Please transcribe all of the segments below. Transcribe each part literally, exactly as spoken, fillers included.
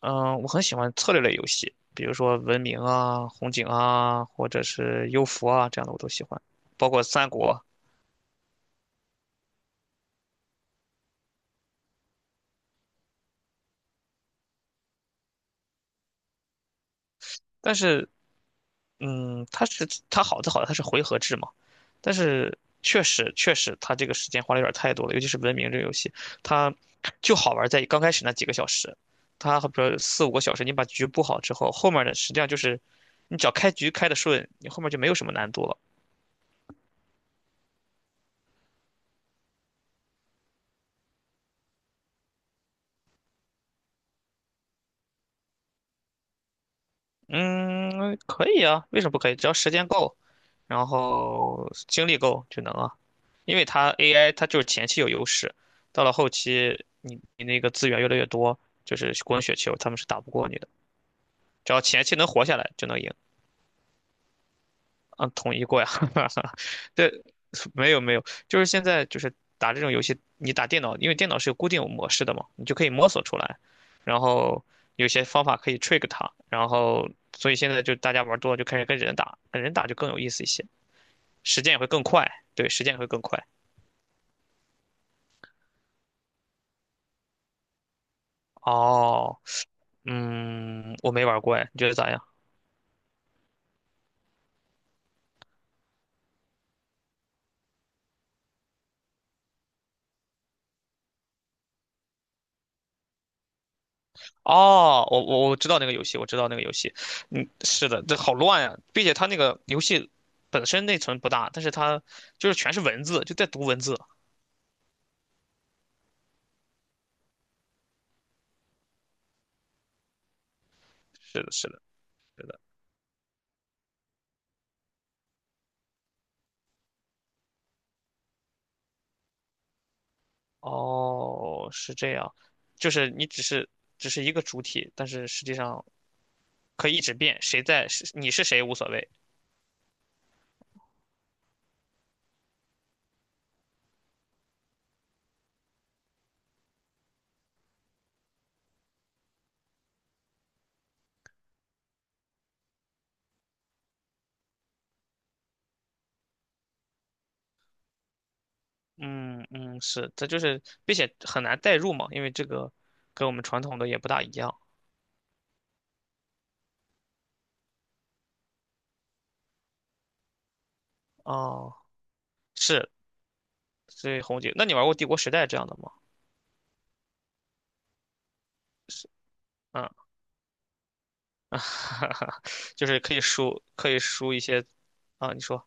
嗯，我很喜欢策略类游戏，比如说文明啊、红警啊，或者是幽浮啊这样的我都喜欢，包括三国。但是，嗯，它是它好的好的，它是回合制嘛，但是确实确实它这个时间花的有点太多了，尤其是文明这个游戏，它就好玩在刚开始那几个小时，它比如四五个小时，你把局布好之后，后面的实际上就是你只要开局开的顺，你后面就没有什么难度了。嗯，可以啊，为什么不可以？只要时间够。然后精力够就能啊，因为它 A I 它就是前期有优势，到了后期你你那个资源越来越多，就是滚雪球，他们是打不过你的。只要前期能活下来就能赢。嗯，统一过呀，对，没有没有，就是现在就是打这种游戏，你打电脑，因为电脑是有固定模式的嘛，你就可以摸索出来，然后有些方法可以 trick 它，然后所以现在就大家玩多了就开始跟人打，跟人打就更有意思一些，时间也会更快，对，时间也会更快。哦，嗯，我没玩过哎，你觉得咋样？哦，我我我知道那个游戏，我知道那个游戏，嗯，是的，这好乱呀、并且它那个游戏本身内存不大，但是它就是全是文字，就在读文字。是的，是的，是的。哦，是这样，就是你只是只是一个主体，但是实际上可以一直变，谁在是你是谁无所谓。嗯嗯，是，这就是，并且很难代入嘛，因为这个跟我们传统的也不大一样。哦。是所以红姐，那你玩过《帝国时代》这样的吗？是，嗯，就是可以输，可以输一些，啊，你说，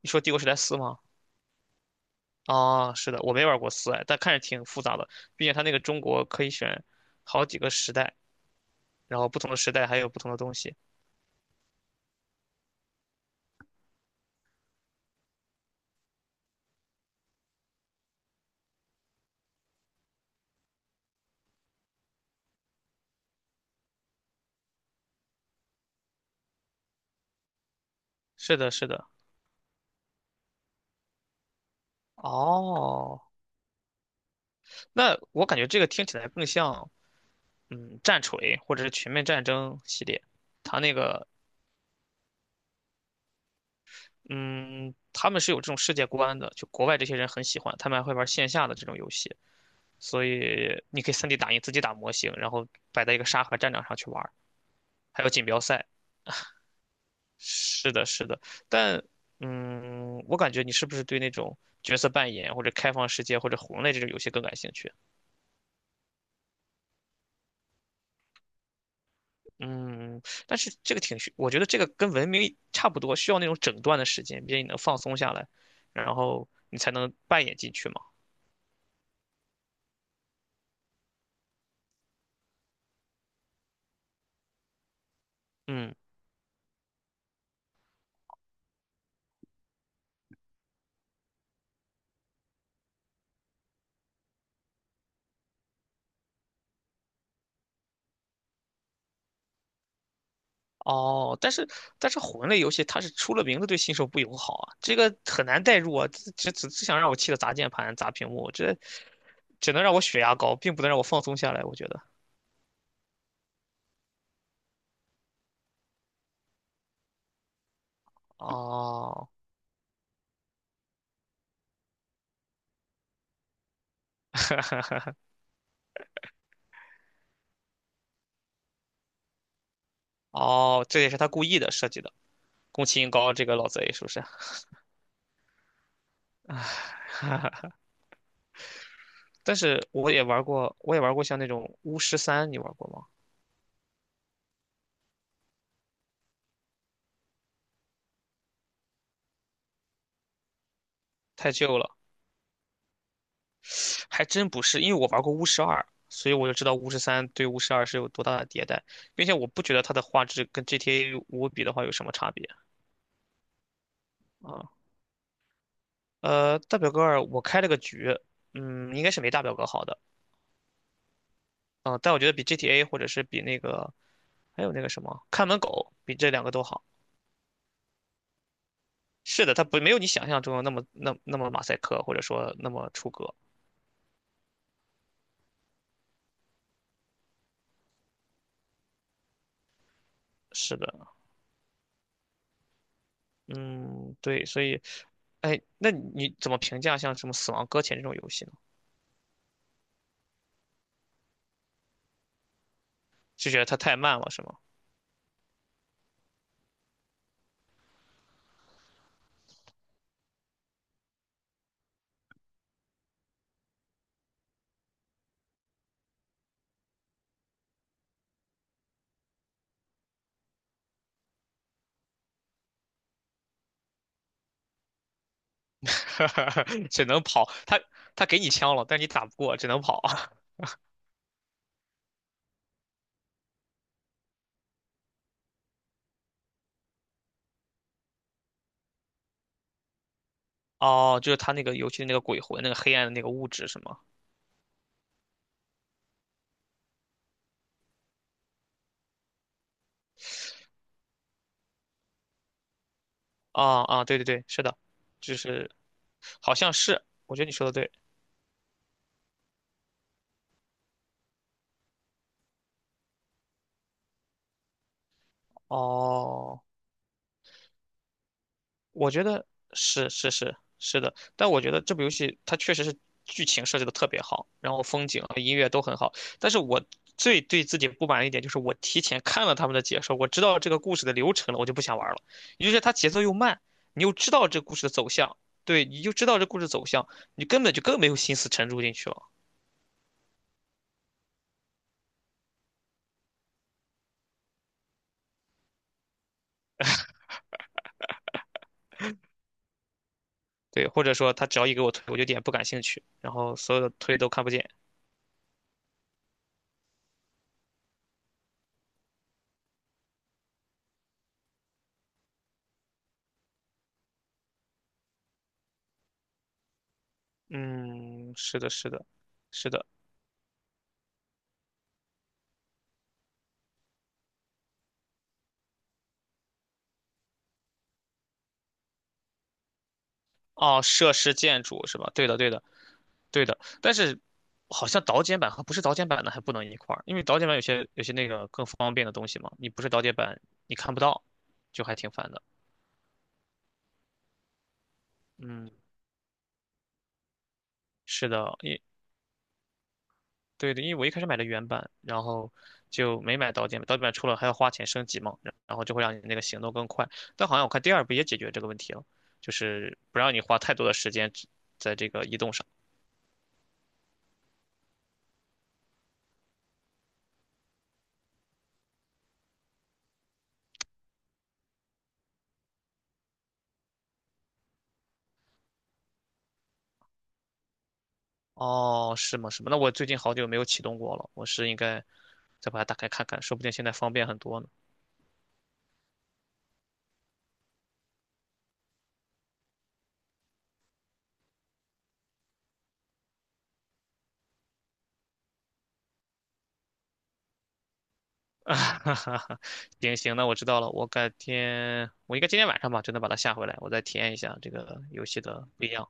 你说《帝国时代四》吗？啊，是的，我没玩过四，哎，但看着挺复杂的，毕竟它那个中国可以选好几个时代，然后不同的时代还有不同的东西。是的，是的，哦，那我感觉这个听起来更像，嗯，战锤或者是全面战争系列，它那个。嗯，他们是有这种世界观的，就国外这些人很喜欢，他们还会玩线下的这种游戏。所以你可以 三 D 打印自己打模型，然后摆在一个沙盒战场上去玩儿还有锦标赛。是的，是的，但嗯，我感觉你是不是对那种角色扮演或者开放世界或者魂类这种游戏更感兴趣？嗯，但是这个挺需，我觉得这个跟文明差不多，需要那种整段的时间，毕竟你能放松下来，然后你才能扮演进去嘛。嗯。哦，但是但是魂类游戏它是出了名的对新手不友好啊，这个很难代入啊，这这只只想让我气得砸键盘、砸屏幕，这只能让我血压高，并不能让我放松下来，我觉得。哦哦，这也是他故意的设计的，攻崎英高这个老贼是不是？但是我也玩过，我也玩过像那种巫师三，你玩过吗？太旧了，还真不是，因为我玩过巫师二，所以我就知道巫师三对巫师二是有多大的迭代，并且我不觉得它的画质跟 G T A 五比的话有什么差别。啊，呃，大表哥二我开了个局，嗯，应该是没大表哥好的，啊，但我觉得比 G T A 或者是比那个还有那个什么看门狗，比这两个都好。是的，它不没有你想象中的那么那那么马赛克，或者说那么出格。是的，嗯，对，所以，哎，那你怎么评价像什么《死亡搁浅》这种游戏呢？就觉得它太慢了，是吗？只能跑，他他给你枪了，但你打不过，只能跑。哦，就是他那个游戏的那个鬼魂，那个黑暗的那个物质，是吗？啊啊，对对对，是的，就是好像是，我觉得你说的对。哦，我觉得是是是是的，但我觉得这部游戏它确实是剧情设计的特别好，然后风景和音乐都很好。但是我最对自己不满一点就是我提前看了他们的解说，我知道这个故事的流程了，我就不想玩了。也就是它节奏又慢，你又知道这故事的走向，对，你就知道这故事走向，你根本就更没有心思沉住进去了。对，或者说他只要一给我推，我就有点不感兴趣，然后所有的推都看不见。嗯，是的，是的，是的。哦，设施建筑是吧？对的，对的，对的。但是好像导剪版和不是导剪版的还不能一块儿，因为导剪版有些有些那个更方便的东西嘛，你不是导剪版你看不到，就还挺烦的。嗯，是的，因对的，因为我一开始买的原版，然后就没买导剪版，导剪版出了还要花钱升级嘛，然然后就会让你那个行动更快。但好像我看第二部也解决这个问题了，就是不让你花太多的时间只在这个移动上。哦，是吗？是吗？那我最近好久没有启动过了，我是应该再把它打开看看，说不定现在方便很多呢。啊哈哈哈，行行，那我知道了，我改天，我应该今天晚上吧，就能把它下回来，我再体验一下这个游戏的不一样。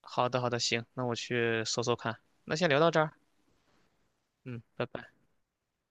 好的，好的，行，那我去搜搜看。那先聊到这儿，嗯，拜拜。